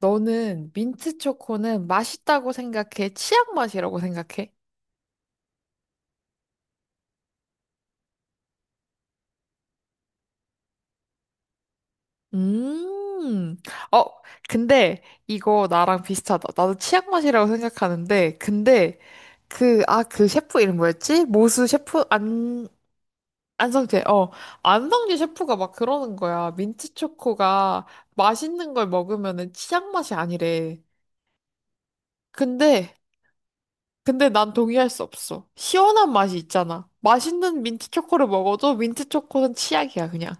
너는 민트 초코는 맛있다고 생각해? 치약 맛이라고 생각해? 음. 어, 근데 이거 나랑 비슷하다. 나도 치약 맛이라고 생각하는데, 근데 그 셰프 이름 뭐였지? 모수 셰프? 안, 안성재. 어, 안성재 셰프가 막 그러는 거야. 민트 초코가 맛있는 걸 먹으면은 치약 맛이 아니래. 근데 근데 난 동의할 수 없어. 시원한 맛이 있잖아. 맛있는 민트 초코를 먹어도 민트 초코는 치약이야, 그냥.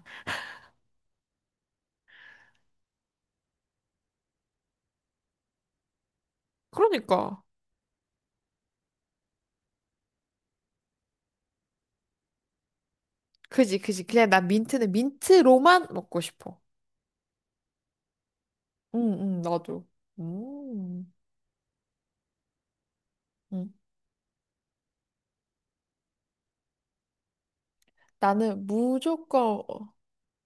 그러니까. 그지, 그지. 그냥 난 민트는 민트로만 먹고 싶어. 응, 응, 나도. 음, 응. 나는 무조건,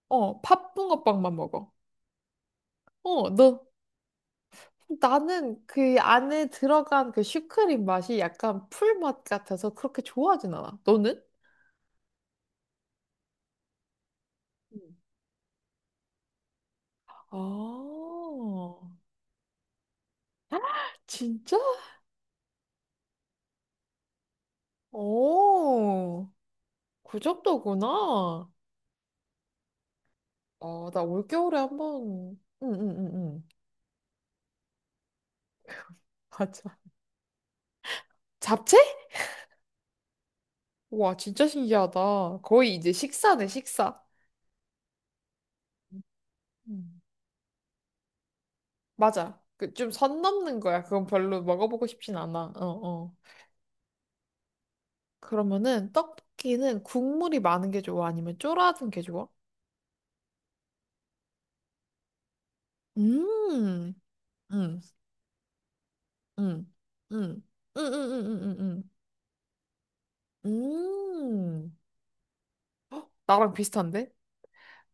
팥붕어빵만 먹어. 어, 나는 그 안에 들어간 그 슈크림 맛이 약간 풀맛 같아서 그렇게 좋아하진 않아. 너는? 음. 아, 진짜? 오. 그 정도구나. 아, 나 올겨울에 한 번, 응, 응, 응, 응. 맞아. 잡채? 와, 진짜 신기하다. 거의 이제 식사네, 식사. 음. 맞아. 그 좀 선 넘는 거야. 그건 별로 먹어보고 싶진 않아. 어, 어. 그러면은 떡볶이는 국물이 많은 게 좋아? 아니면 쫄아든 게 좋아? 음, 음, 음, 음, 음, 음, 음, 음, 음. 음. 음. 나랑 비슷한데?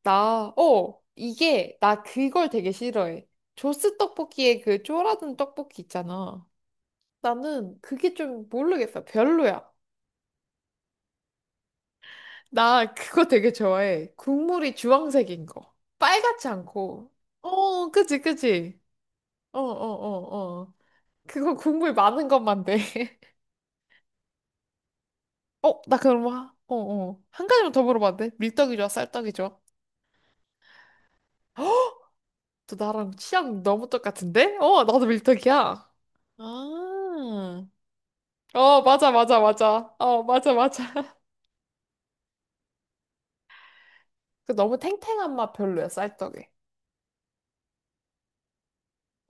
나 그걸 되게 싫어해. 조스 떡볶이에 그 쪼라든 떡볶이 있잖아. 나는 그게 좀 모르겠어. 별로야. 나 그거 되게 좋아해. 국물이 주황색인 거. 빨갛지 않고. 어, 그치, 그치. 어, 어, 어, 어. 그거 국물 많은 것만 돼. 어, 나 그럼, 한 가지만 더 물어봐도 돼? 밀떡이 좋아, 쌀떡이 좋아? 또 나랑 취향 너무 똑같은데? 어, 나도 밀떡이야. 아. 어, 맞아, 맞아, 맞아. 어, 맞아, 맞아. 그 너무 탱탱한 맛 별로야, 쌀떡이.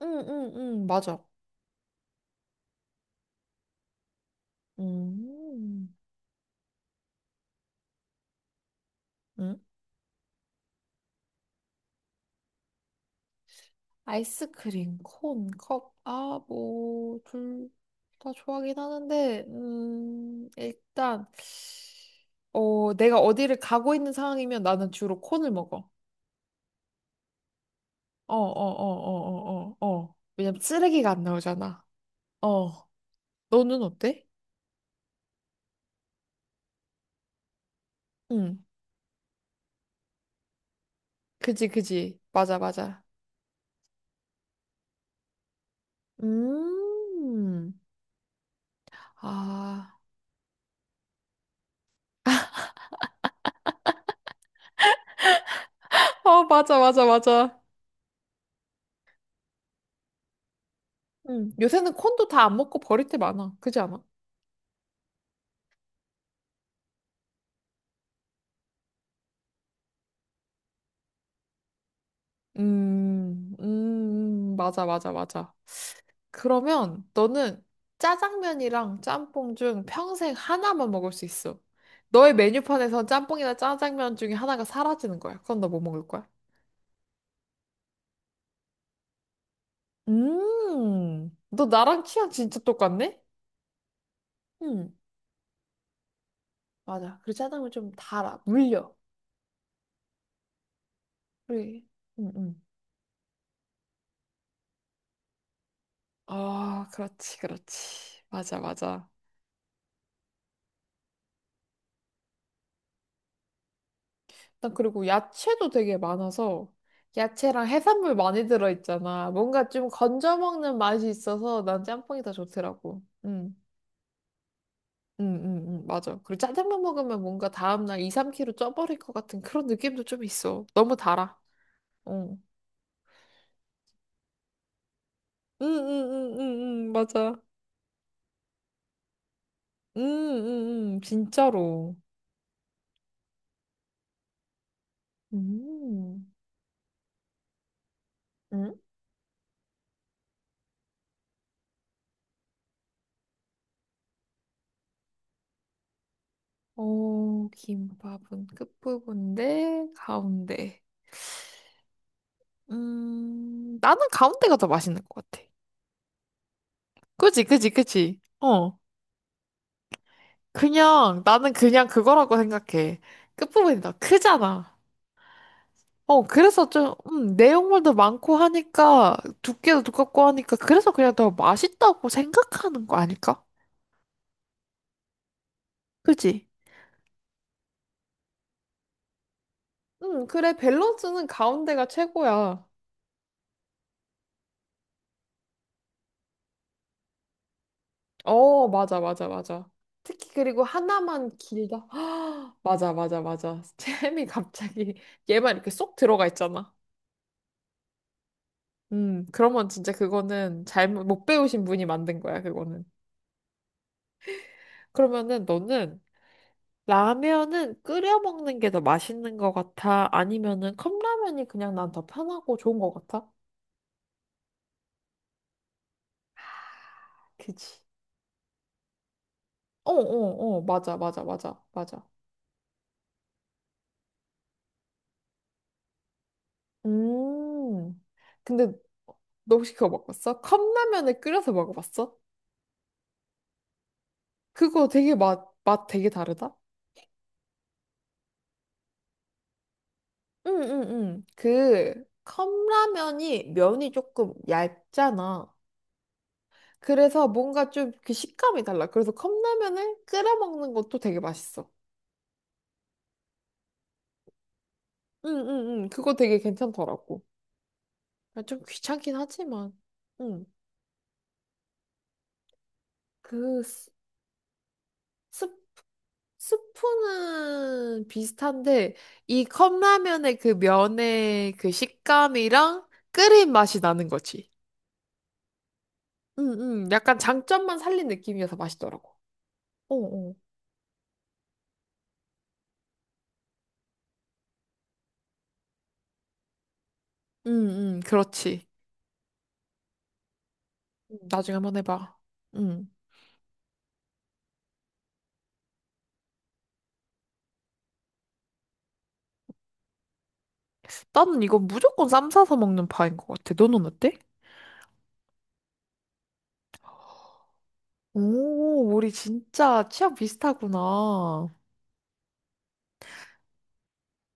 응, 응, 응, 맞아. 음, 응? 아이스크림, 콘, 컵, 아, 뭐, 둘 다 좋아하긴 하는데, 일단, 내가 어디를 가고 있는 상황이면 나는 주로 콘을 먹어. 어, 어, 어, 어, 어, 어, 어. 왜냐면 쓰레기가 안 나오잖아. 어, 너는 어때? 응, 그지, 그지. 맞아, 맞아. 음. 아, 어, 맞아, 맞아, 맞아. 요새는 콘도 다 안 먹고 버릴 때 많아. 그지 않아? 맞아, 맞아, 맞아. 그러면 너는 짜장면이랑 짬뽕 중 평생 하나만 먹을 수 있어. 너의 메뉴판에선 짬뽕이나 짜장면 중에 하나가 사라지는 거야. 그건 너 뭐 먹을 거야? 너 나랑 취향 진짜 똑같네? 음, 맞아. 그리고 짜장면 좀 달아, 물려. 그래. 음, 음. 아, 그렇지, 그렇지. 맞아, 맞아. 난 그리고 야채도 되게 많아서 야채랑 해산물 많이 들어있잖아. 뭔가 좀 건져 먹는 맛이 있어서 난 짬뽕이 더 좋더라고. 응, 응, 응, 응, 맞아. 그리고 짜장면 먹으면 뭔가 다음날 2, 3 kg 쪄버릴 것 같은 그런 느낌도 좀 있어. 너무 달아. 어. 응, 응, 응, 응, 응, 응, 맞아. 응, 응, 응, 진짜로. 음, 응? 오, 김밥은 끝부분인데 가운데. 나는 가운데가 더 맛있는 것 같아. 그지, 그지, 그지. 어. 그냥, 나는 그냥 그거라고 생각해. 끝부분이 다 크잖아. 어, 그래서 좀, 내용물도 많고 하니까, 두께도 두껍고 하니까, 그래서 그냥 더 맛있다고 생각하는 거 아닐까? 그지? 응, 그래, 밸런스는 가운데가 최고야. 어, 맞아, 맞아, 맞아. 특히 그리고 하나만 길다. 맞아, 맞아, 맞아. 잼이 갑자기 얘만 이렇게 쏙 들어가 있잖아. 그러면 진짜 그거는 잘못, 못 배우신 분이 만든 거야, 그거는. 그러면은 너는 라면은 끓여 먹는 게 더 맛있는 것 같아? 아니면은 컵라면이 그냥 난 더 편하고 좋은 것 같아? 그치. 어, 어, 어, 맞아, 맞아, 맞아, 맞아. 음. 근데 너 혹시 그거 먹었어? 컵라면을 끓여서 먹어봤어? 그거 되게 맛 되게 다르다? 응, 응, 응. 그 컵라면이 면이 조금 얇잖아. 그래서 뭔가 좀 그 식감이 달라. 그래서 컵라면을 끓여 먹는 것도 되게 맛있어. 응, 응, 응. 그거 되게 괜찮더라고. 좀 귀찮긴 하지만. 응. 그 스- 스프는 비슷한데 이 컵라면의 그 면의 그 식감이랑 끓인 맛이 나는 거지. 응, 응. 약간 장점만 살린 느낌이어서 맛있더라고. 어, 어. 응, 응. 그렇지. 음. 나중에 한번 해봐. 응. 나는 이거 무조건 쌈 싸서 먹는 파인 것 같아. 너는 어때? 오, 우리 진짜 취향 비슷하구나.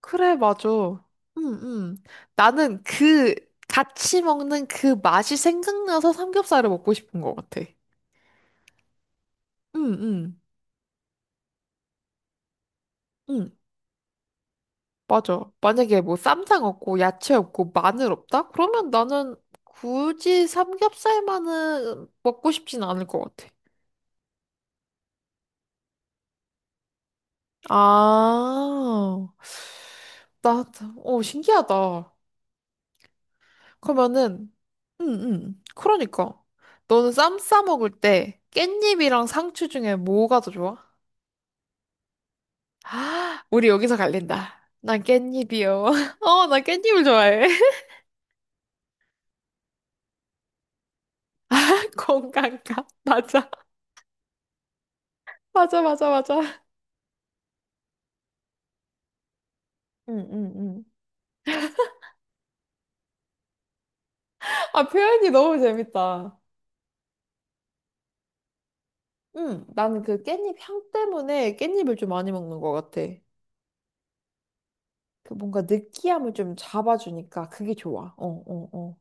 그래, 맞아. 응, 응. 나는 같이 먹는 그 맛이 생각나서 삼겹살을 먹고 싶은 것 같아. 응, 응, 응. 맞아. 만약에 뭐 쌈장 없고, 야채 없고, 마늘 없다? 그러면 나는 굳이 삼겹살만은 먹고 싶진 않을 것 같아. 아, 나, 신기하다. 그러면은, 응, 응. 그러니까. 너는 쌈 싸 먹을 때 깻잎이랑 상추 중에 뭐가 더 좋아? 아, 우리 여기서 갈린다. 난 깻잎이요. 어, 나 깻잎을 좋아해. 건강가. 맞아. 맞아, 맞아, 맞아. 응, 응, 응. 아, 표현이 너무 재밌다. 응, 나는 그 깻잎 향 때문에 깻잎을 좀 많이 먹는 것 같아. 그 뭔가 느끼함을 좀 잡아주니까 그게 좋아. 어, 어, 어.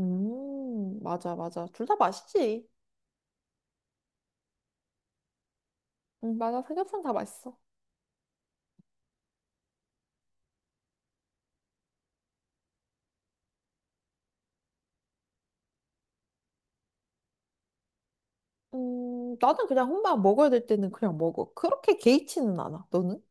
맞아, 맞아. 둘 다 맛있지. 맞아. 삼겹살 다 맛있어. 나는 그냥 혼밥 먹어야 될 때는 그냥 먹어. 그렇게 개의치는 않아. 너는?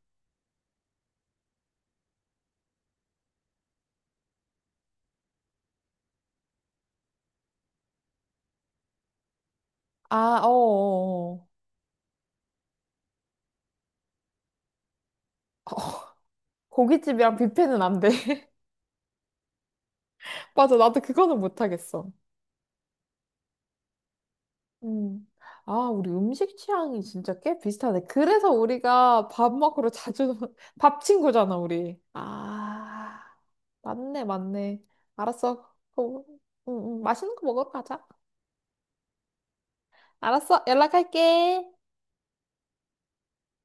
아, 어어어. 어, 고깃집이랑 뷔페는 안 돼. 맞아. 나도 그거는 못하겠어. 음. 아, 우리 음식 취향이 진짜 꽤 비슷하네. 그래서 우리가 밥 먹으러 자주, 밥 친구잖아, 우리. 아, 맞네, 맞네. 알았어. 그럼, 맛있는 거 먹으러 가자. 알았어. 연락할게.